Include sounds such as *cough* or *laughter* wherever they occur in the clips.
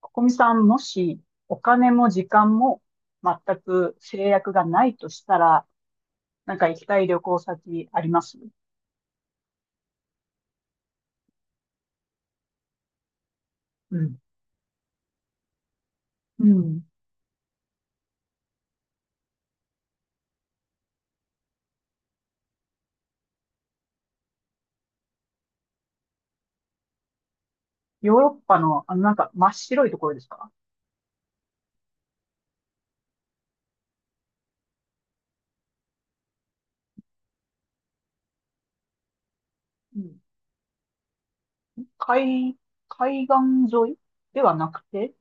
ここみさん、もしお金も時間も全く制約がないとしたら、行きたい旅行先あります？うん。うん。ヨーロッパの、真っ白いところですか？うん。海、海岸沿いではなくて、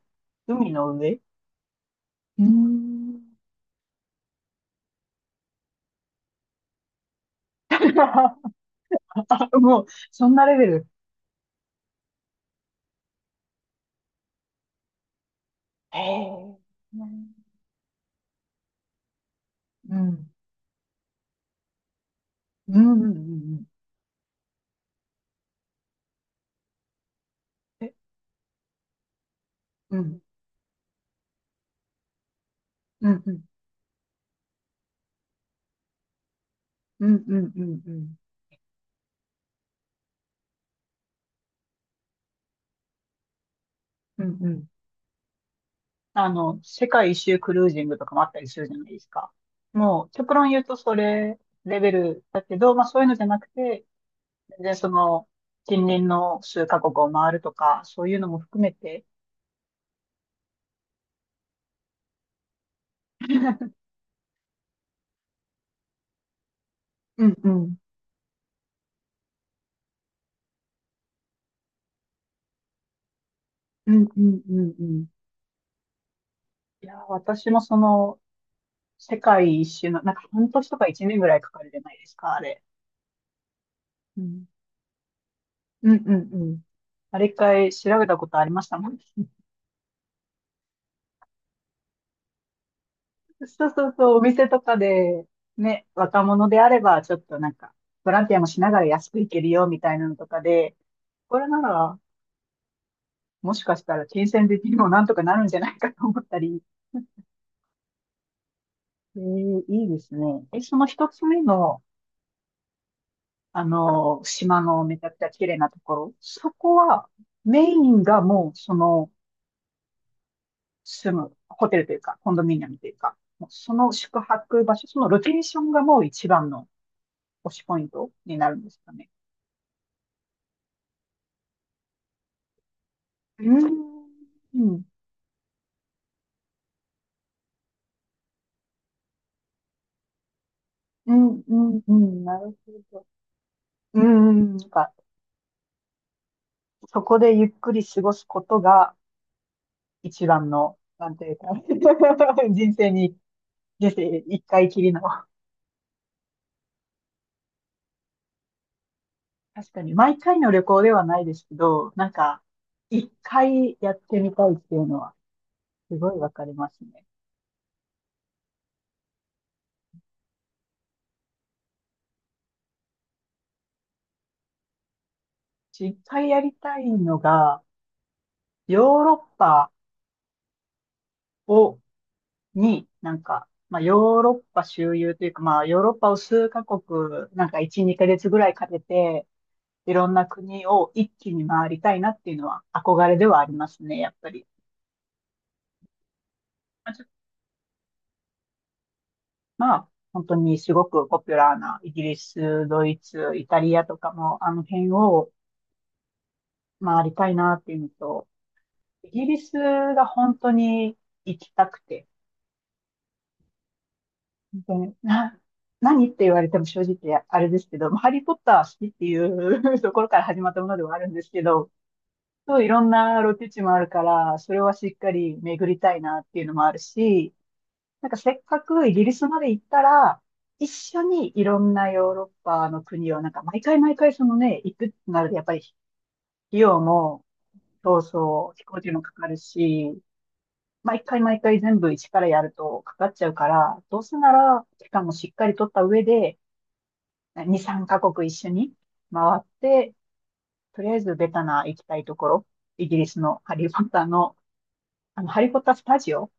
海の上。うーん。 *laughs* もう、そんなレベル。へえ。うん。うん、うん、うん、うん。え、うん、うん、うん、うん、うん、うん、うん、うん、うん、うん、あの、世界一周クルージングとかもあったりするじゃないですか。もう、極論言うとそれレベルだけど、まあそういうのじゃなくて、全然その、近隣の数カ国を回るとか、そういうのも含めて、*laughs* うんうん。うんうんうんうん。いや、私もその、世界一周の、半年とか一年ぐらいかかるじゃないですか、あれ。うんうんうんうん。あれ一回調べたことありましたもん。そうそうそう、お店とかで、ね、若者であれば、ちょっとボランティアもしながら安く行けるよ、みたいなのとかで、これなら、もしかしたら金銭的にもなんとかなるんじゃないかと思ったり、えー、いいですね。え、その一つ目の、あの、島のめちゃくちゃ綺麗なところ、そこは、メインがもう、その、住む、ホテルというか、コンドミニアムというか、もうその宿泊場所、そのロケーションがもう一番の推しポイントになるんですかね。うん。うん。うん。うん。うん、なるほど。うん。そこでゆっくり過ごすことが一番の、なんていうか、 *laughs* 人生に、人生一回きりの。確かに、毎回の旅行ではないですけど、一回やってみたいっていうのは、すごいわかりますね。一回やりたいのが、ヨーロッパをに、なんか、まあ、ヨーロッパ周遊というか、まあ、ヨーロッパを数カ国、なんか1、2ヶ月ぐらいかけて、いろんな国を一気に回りたいなっていうのは憧れではありますね、やっぱり。まあ、ちょまあ本当にすごくポピュラーなイギリス、ドイツ、イタリアとかも、あの辺を回りたいなっていうのと、イギリスが本当に行きたくて、本当に、な、何って言われても正直あれですけど、まあハリーポッターは好きっていう *laughs* ところから始まったものではあるんですけど、そういろんなロケ地もあるから、それはしっかり巡りたいなっていうのもあるし、なんかせっかくイギリスまで行ったら、一緒にいろんなヨーロッパの国を、なんか毎回毎回そのね、行くってなると、やっぱり費用も、そうそう、飛行機もかかるし、毎回毎回全部一からやるとかかっちゃうから、どうせなら、期間もしっかり取った上で、2、3カ国一緒に回って、とりあえずベタな行きたいところ、イギリスのハリーポッターの、あの、ハリーポッタースタジオ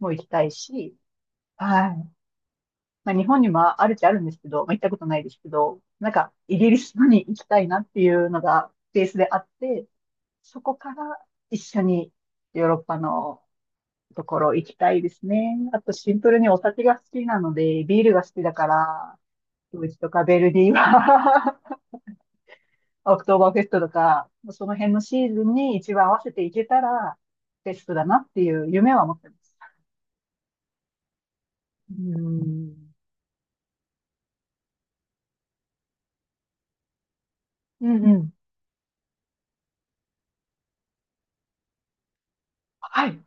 も行きたいし、はい。まあ、日本にもあるっちゃあるんですけど、まあ、行ったことないですけど、なんか、イギリスのに行きたいなっていうのがベースであって、そこから一緒にヨーロッパのところ行きたいですね。あとシンプルにお酒が好きなので、ビールが好きだから、ドイツとかベルディはオクトーバーフェストとか、その辺のシーズンに一番合わせていけたら、ベストだなっていう夢は持ってます。うん。うんうん。はい。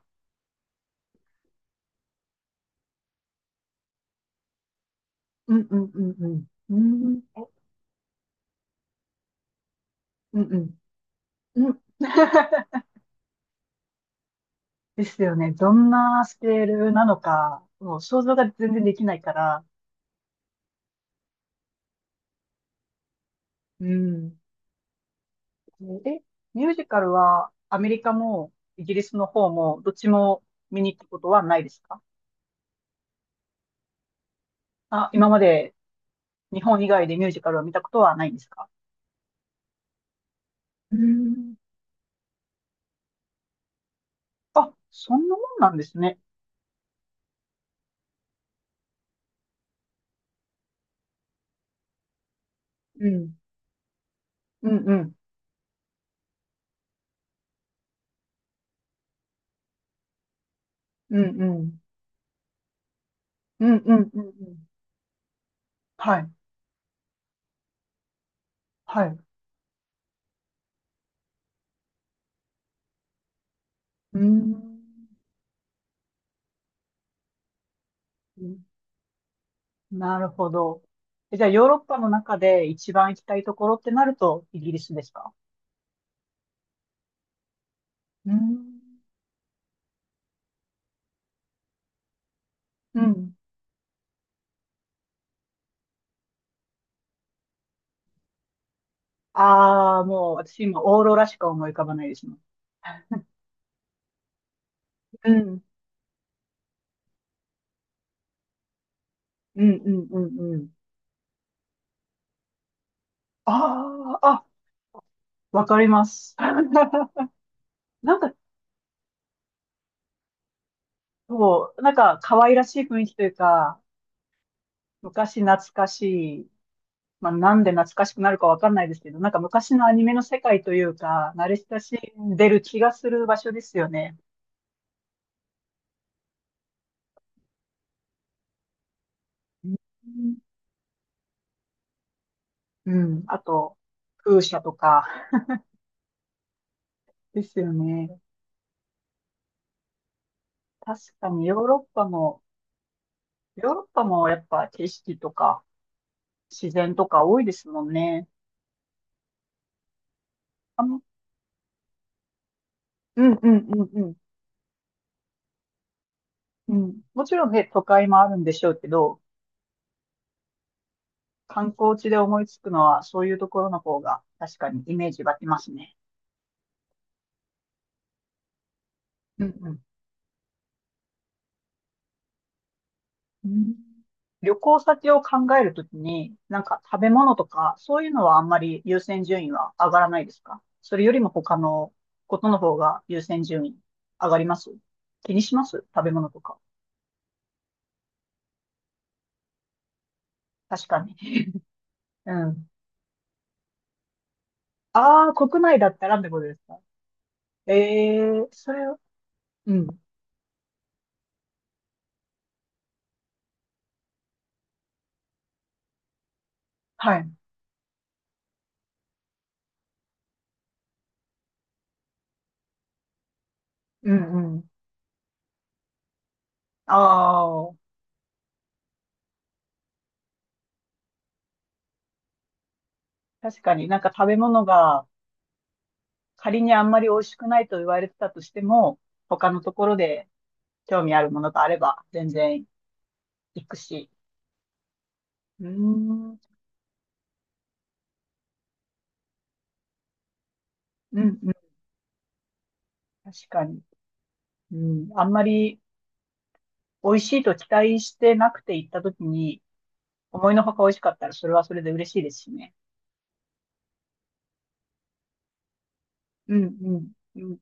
うんうんうんうん。うんうんうん。うん。*laughs* ですよね。どんなスケールなのか、もう想像が全然できないから。うん。うん。え、ミュージカルはアメリカもイギリスの方もどっちも見に行くことはないですか？あ、今まで日本以外でミュージカルを見たことはないんですか？うん。あ、そんなもんなんですね。うん。うんうん。うんうん。うんうんうんうん。はい。はい。うーん。なるほど。え、じゃあ、ヨーロッパの中で一番行きたいところってなると、イギリスですか？うーん。うん。ああー、もう私今、オーロラしか思い浮かばないですね。うん。うんうんうんうん。ああ、あ、わかります。*laughs* なんか、可愛らしい雰囲気というか、昔懐かしい、まあ、なんで懐かしくなるかわかんないですけど、なんか昔のアニメの世界というか、慣れ親しんでる気がする場所ですよね。うんうん。あと、風車とか、ですよね。確かにヨーロッパも、ヨーロッパもやっぱ景色とか自然とか多いですもんね。あの、うんうんうんうん。うん。もちろんね、都会もあるんでしょうけど、観光地で思いつくのはそういうところの方が確かにイメージ湧きますね。うんうん。うん。旅行先を考えるときに、なんか食べ物とか、そういうのはあんまり優先順位は上がらないですか？それよりも他のことの方が優先順位上がります？気にします？食べ物とか。確かに。*laughs* うん。ああ、国内だったらってことですか？え、えー、それを、うん。はい。うんうん。ああ、確かになんか食べ物が仮にあんまり美味しくないと言われてたとしても、他のところで興味あるものがあれば全然行くし。うーん、うん、うん、確かに。うん、あんまり美味しいと期待してなくて行った時に、思いのほか美味しかったら、それはそれで嬉しいですしね。うん、うん、うん。